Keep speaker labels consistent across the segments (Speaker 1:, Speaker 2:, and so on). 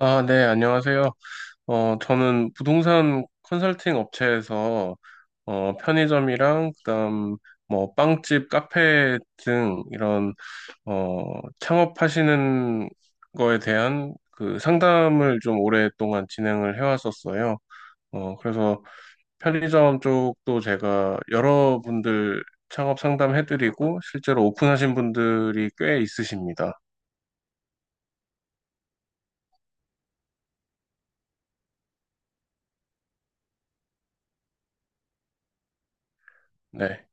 Speaker 1: 아, 네, 안녕하세요. 저는 부동산 컨설팅 업체에서 편의점이랑 그다음 뭐 빵집, 카페 등 이런 어, 창업하시는 거에 대한 그 상담을 좀 오랫동안 진행을 해왔었어요. 그래서 편의점 쪽도 제가 여러분들 창업 상담해드리고 실제로 오픈하신 분들이 꽤 있으십니다. 네,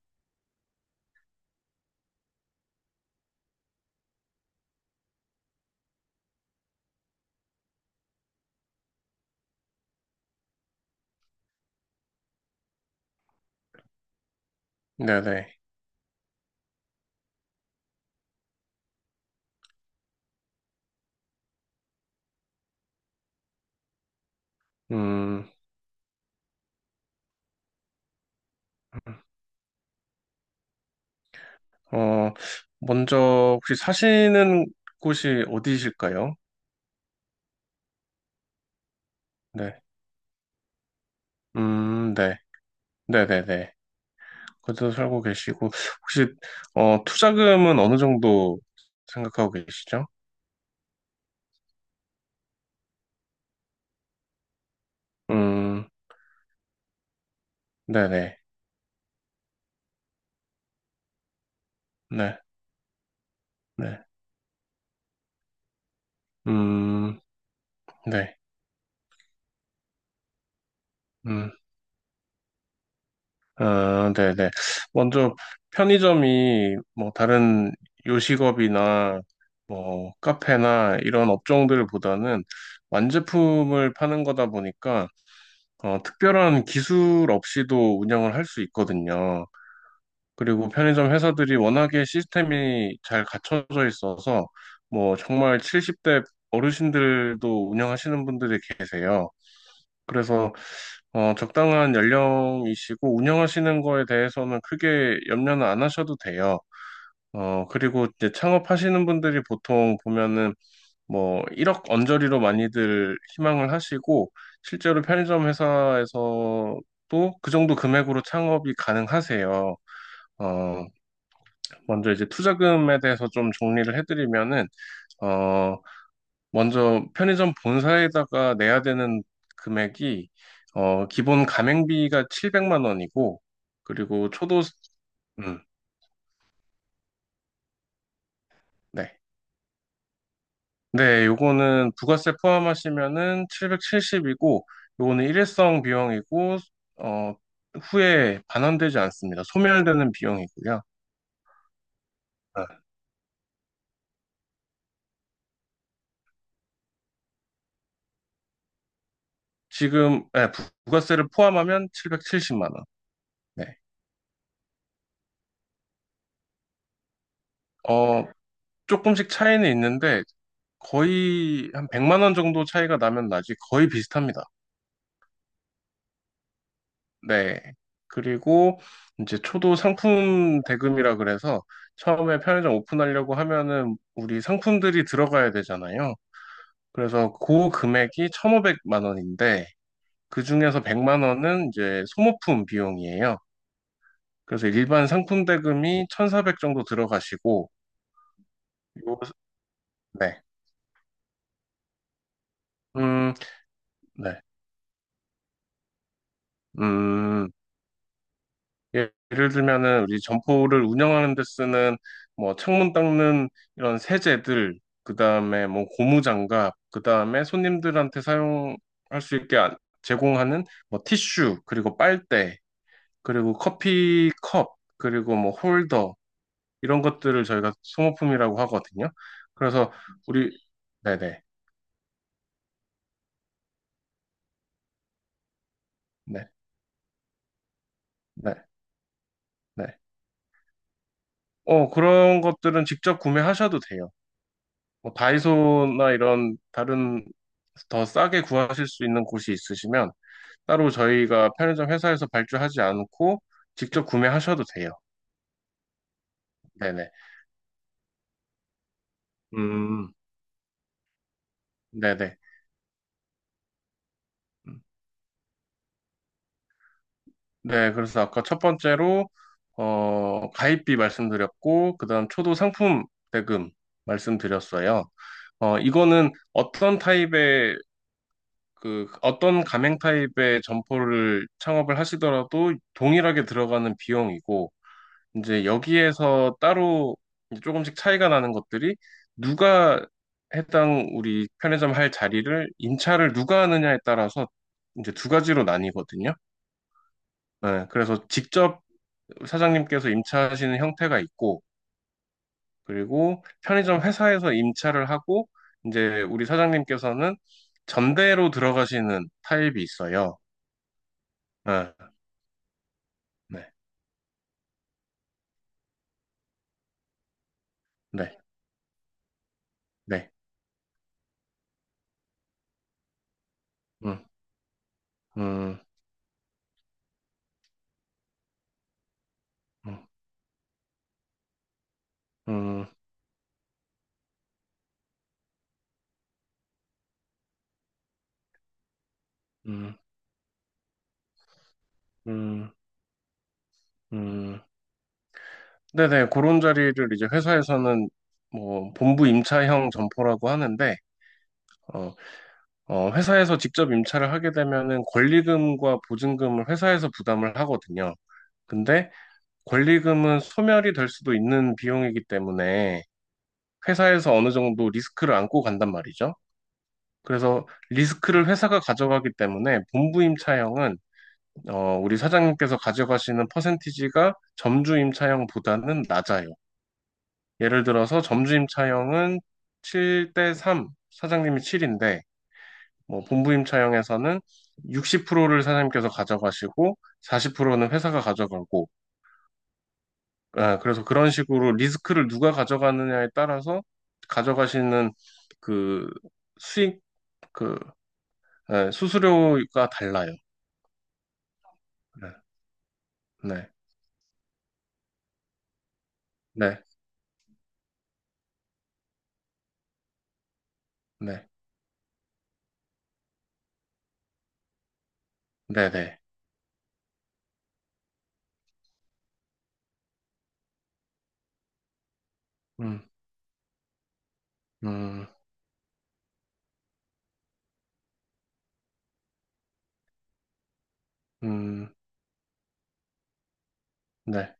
Speaker 1: 네, 네. 음. 어, 먼저 혹시 사시는 곳이 어디실까요? 네. 네. 네네네. 거것도 살고 계시고, 혹시, 투자금은 어느 정도 생각하고 계시죠? 음, 네네. 네, 네. 음, 네. 음, 아, 네네. 먼저 편의점이 뭐 다른 요식업이나 뭐 카페나 이런 업종들보다는 완제품을 파는 거다 보니까 특별한 기술 없이도 운영을 할 수 있거든요. 그리고 편의점 회사들이 워낙에 시스템이 잘 갖춰져 있어서 뭐 정말 70대 어르신들도 운영하시는 분들이 계세요. 그래서 적당한 연령이시고 운영하시는 거에 대해서는 크게 염려는 안 하셔도 돼요. 그리고 이제 창업하시는 분들이 보통 보면은 뭐 1억 언저리로 많이들 희망을 하시고 실제로 편의점 회사에서도 그 정도 금액으로 창업이 가능하세요. 어, 먼저 이제 투자금에 대해서 좀 정리를 해드리면은 어, 먼저 편의점 본사에다가 내야 되는 금액이 기본 가맹비가 700만 원이고, 그리고 초도. 음, 네. 네, 요거는 부가세 포함하시면은 770이고, 요거는 일회성 비용이고, 어, 후에 반환되지 않습니다. 소멸되는 비용이고요. 아, 지금, 네, 부가세를 포함하면 770만 원. 네. 어, 조금씩 차이는 있는데, 거의 한 100만 원 정도 차이가 나면 나지 거의 비슷합니다. 네. 그리고 이제 초도 상품 대금이라 그래서 처음에 편의점 오픈하려고 하면은 우리 상품들이 들어가야 되잖아요. 그래서 그 금액이 1,500만 원인데 그중에서 100만 원은 이제 소모품 비용이에요. 그래서 일반 상품 대금이 1,400 정도 들어가시고. 요- 네. 음, 네. 음, 예를 들면은 우리 점포를 운영하는 데 쓰는 뭐 창문 닦는 이런 세제들, 그다음에 뭐 고무장갑, 그다음에 손님들한테 사용할 수 있게 제공하는 뭐 티슈, 그리고 빨대, 그리고 커피 컵, 그리고 뭐 홀더, 이런 것들을 저희가 소모품이라고 하거든요. 그래서 우리. 네네. 네네. 네. 네. 그런 것들은 직접 구매하셔도 돼요. 뭐 다이소나 이런 다른 더 싸게 구하실 수 있는 곳이 있으시면 따로 저희가 편의점 회사에서 발주하지 않고 직접 구매하셔도 돼요. 네네. 음, 네네. 음, 네, 그래서 아까 첫 번째로 가입비 말씀드렸고 그다음 초도 상품 대금 말씀드렸어요. 이거는 어떤 타입의, 그 어떤 가맹 타입의 점포를 창업을 하시더라도 동일하게 들어가는 비용이고, 이제 여기에서 따로 이제 조금씩 차이가 나는 것들이, 누가 해당 우리 편의점 할 자리를 임차를 누가 하느냐에 따라서 이제 두 가지로 나뉘거든요. 네, 그래서 직접 사장님께서 임차하시는 형태가 있고, 그리고 편의점 회사에서 임차를 하고 이제 우리 사장님께서는 전대로 들어가시는 타입이 있어요. 아, 네, 네, 네. 음, 음, 음, 음, 음, 음, 음. 네네, 그런 자리를 이제 회사에서는 뭐 본부 임차형 점포라고 하는데, 어, 회사에서 직접 임차를 하게 되면은 권리금과 보증금을 회사에서 부담을 하거든요. 근데 권리금은 소멸이 될 수도 있는 비용이기 때문에 회사에서 어느 정도 리스크를 안고 간단 말이죠. 그래서 리스크를 회사가 가져가기 때문에 본부 임차형은 우리 사장님께서 가져가시는 퍼센티지가 점주 임차형보다는 낮아요. 예를 들어서 점주 임차형은 7대 3, 사장님이 7인데, 뭐 본부 임차형에서는 60%를 사장님께서 가져가시고 40%는 회사가 가져가고, 그래서 그런 식으로 리스크를 누가 가져가느냐에 따라서 가져가시는 그 수익, 그 네, 수수료가 달라요. 네, 네, 네, 네, 네, 네. 음, 음, 음, 네,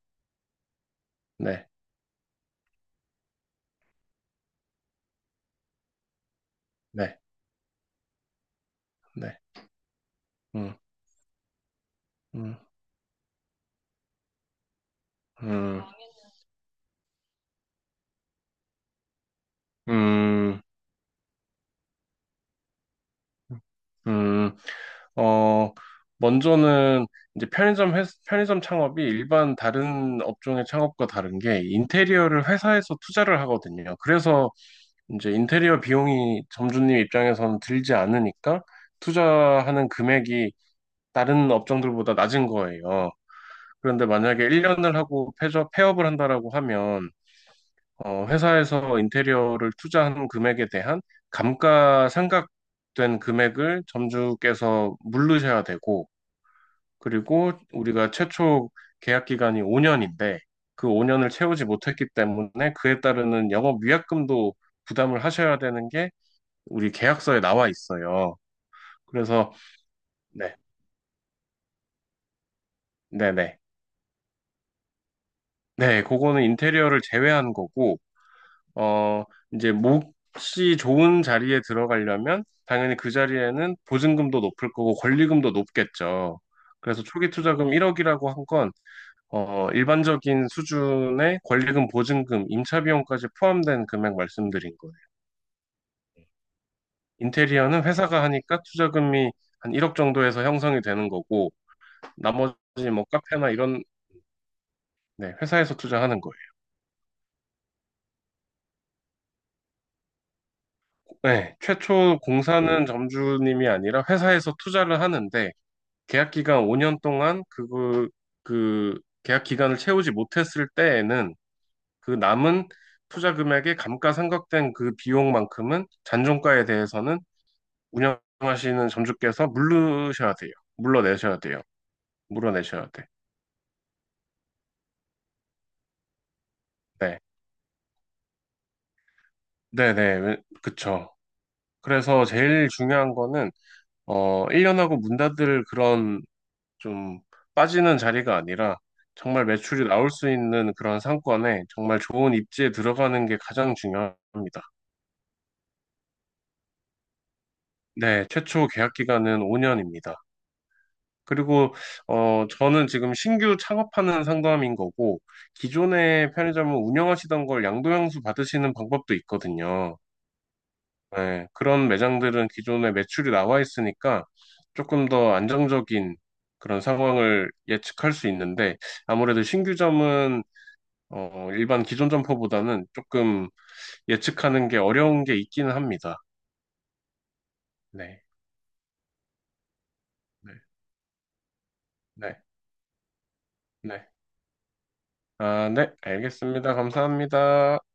Speaker 1: 네, 네, 네, 음, 음, 음, 음, 음. 어, 먼저는 이제 편의점 창업이 일반 다른 업종의 창업과 다른 게 인테리어를 회사에서 투자를 하거든요. 그래서 이제 인테리어 비용이 점주님 입장에서는 들지 않으니까 투자하는 금액이 다른 업종들보다 낮은 거예요. 그런데 만약에 1년을 하고 폐업을 한다라고 하면 회사에서 인테리어를 투자한 금액에 대한 감가상각된 금액을 점주께서 물르셔야 되고, 그리고 우리가 최초 계약 기간이 5년인데 그 5년을 채우지 못했기 때문에 그에 따르는 영업 위약금도 부담을 하셔야 되는 게 우리 계약서에 나와 있어요. 그래서. 네, 네, 네. 네, 그거는 인테리어를 제외한 거고, 어, 이제 몫이 좋은 자리에 들어가려면 당연히 그 자리에는 보증금도 높을 거고 권리금도 높겠죠. 그래서 초기 투자금 1억이라고 한 건, 일반적인 수준의 권리금, 보증금, 임차 비용까지 포함된 금액 말씀드린 거예요. 인테리어는 회사가 하니까 투자금이 한 1억 정도에서 형성이 되는 거고, 나머지 뭐 카페나 이런, 네, 회사에서 투자하는 거예요. 네, 최초 공사는 점주님이 아니라 회사에서 투자를 하는데, 계약 기간 5년 동안 그, 계약 기간을 채우지 못했을 때에는 그 남은 투자 금액의 감가상각된 그 비용만큼은, 잔존가에 대해서는 운영하시는 점주께서 물르셔야 돼요. 물러내셔야 돼요. 물어내셔야 돼. 네. 네네. 그쵸. 그래서 제일 중요한 거는, 1년하고 문 닫을 그런 좀 빠지는 자리가 아니라 정말 매출이 나올 수 있는 그런 상권에 정말 좋은 입지에 들어가는 게 가장 중요합니다. 네, 최초 계약 기간은 5년입니다. 그리고 저는 지금 신규 창업하는 상담인 거고, 기존의 편의점을 운영하시던 걸 양도양수 받으시는 방법도 있거든요. 네, 그런 매장들은 기존에 매출이 나와 있으니까 조금 더 안정적인 그런 상황을 예측할 수 있는데, 아무래도 신규점은 일반 기존 점퍼보다는 조금 예측하는 게 어려운 게 있기는 합니다. 네, 네, 네, 네. 아, 네, 알겠습니다. 감사합니다.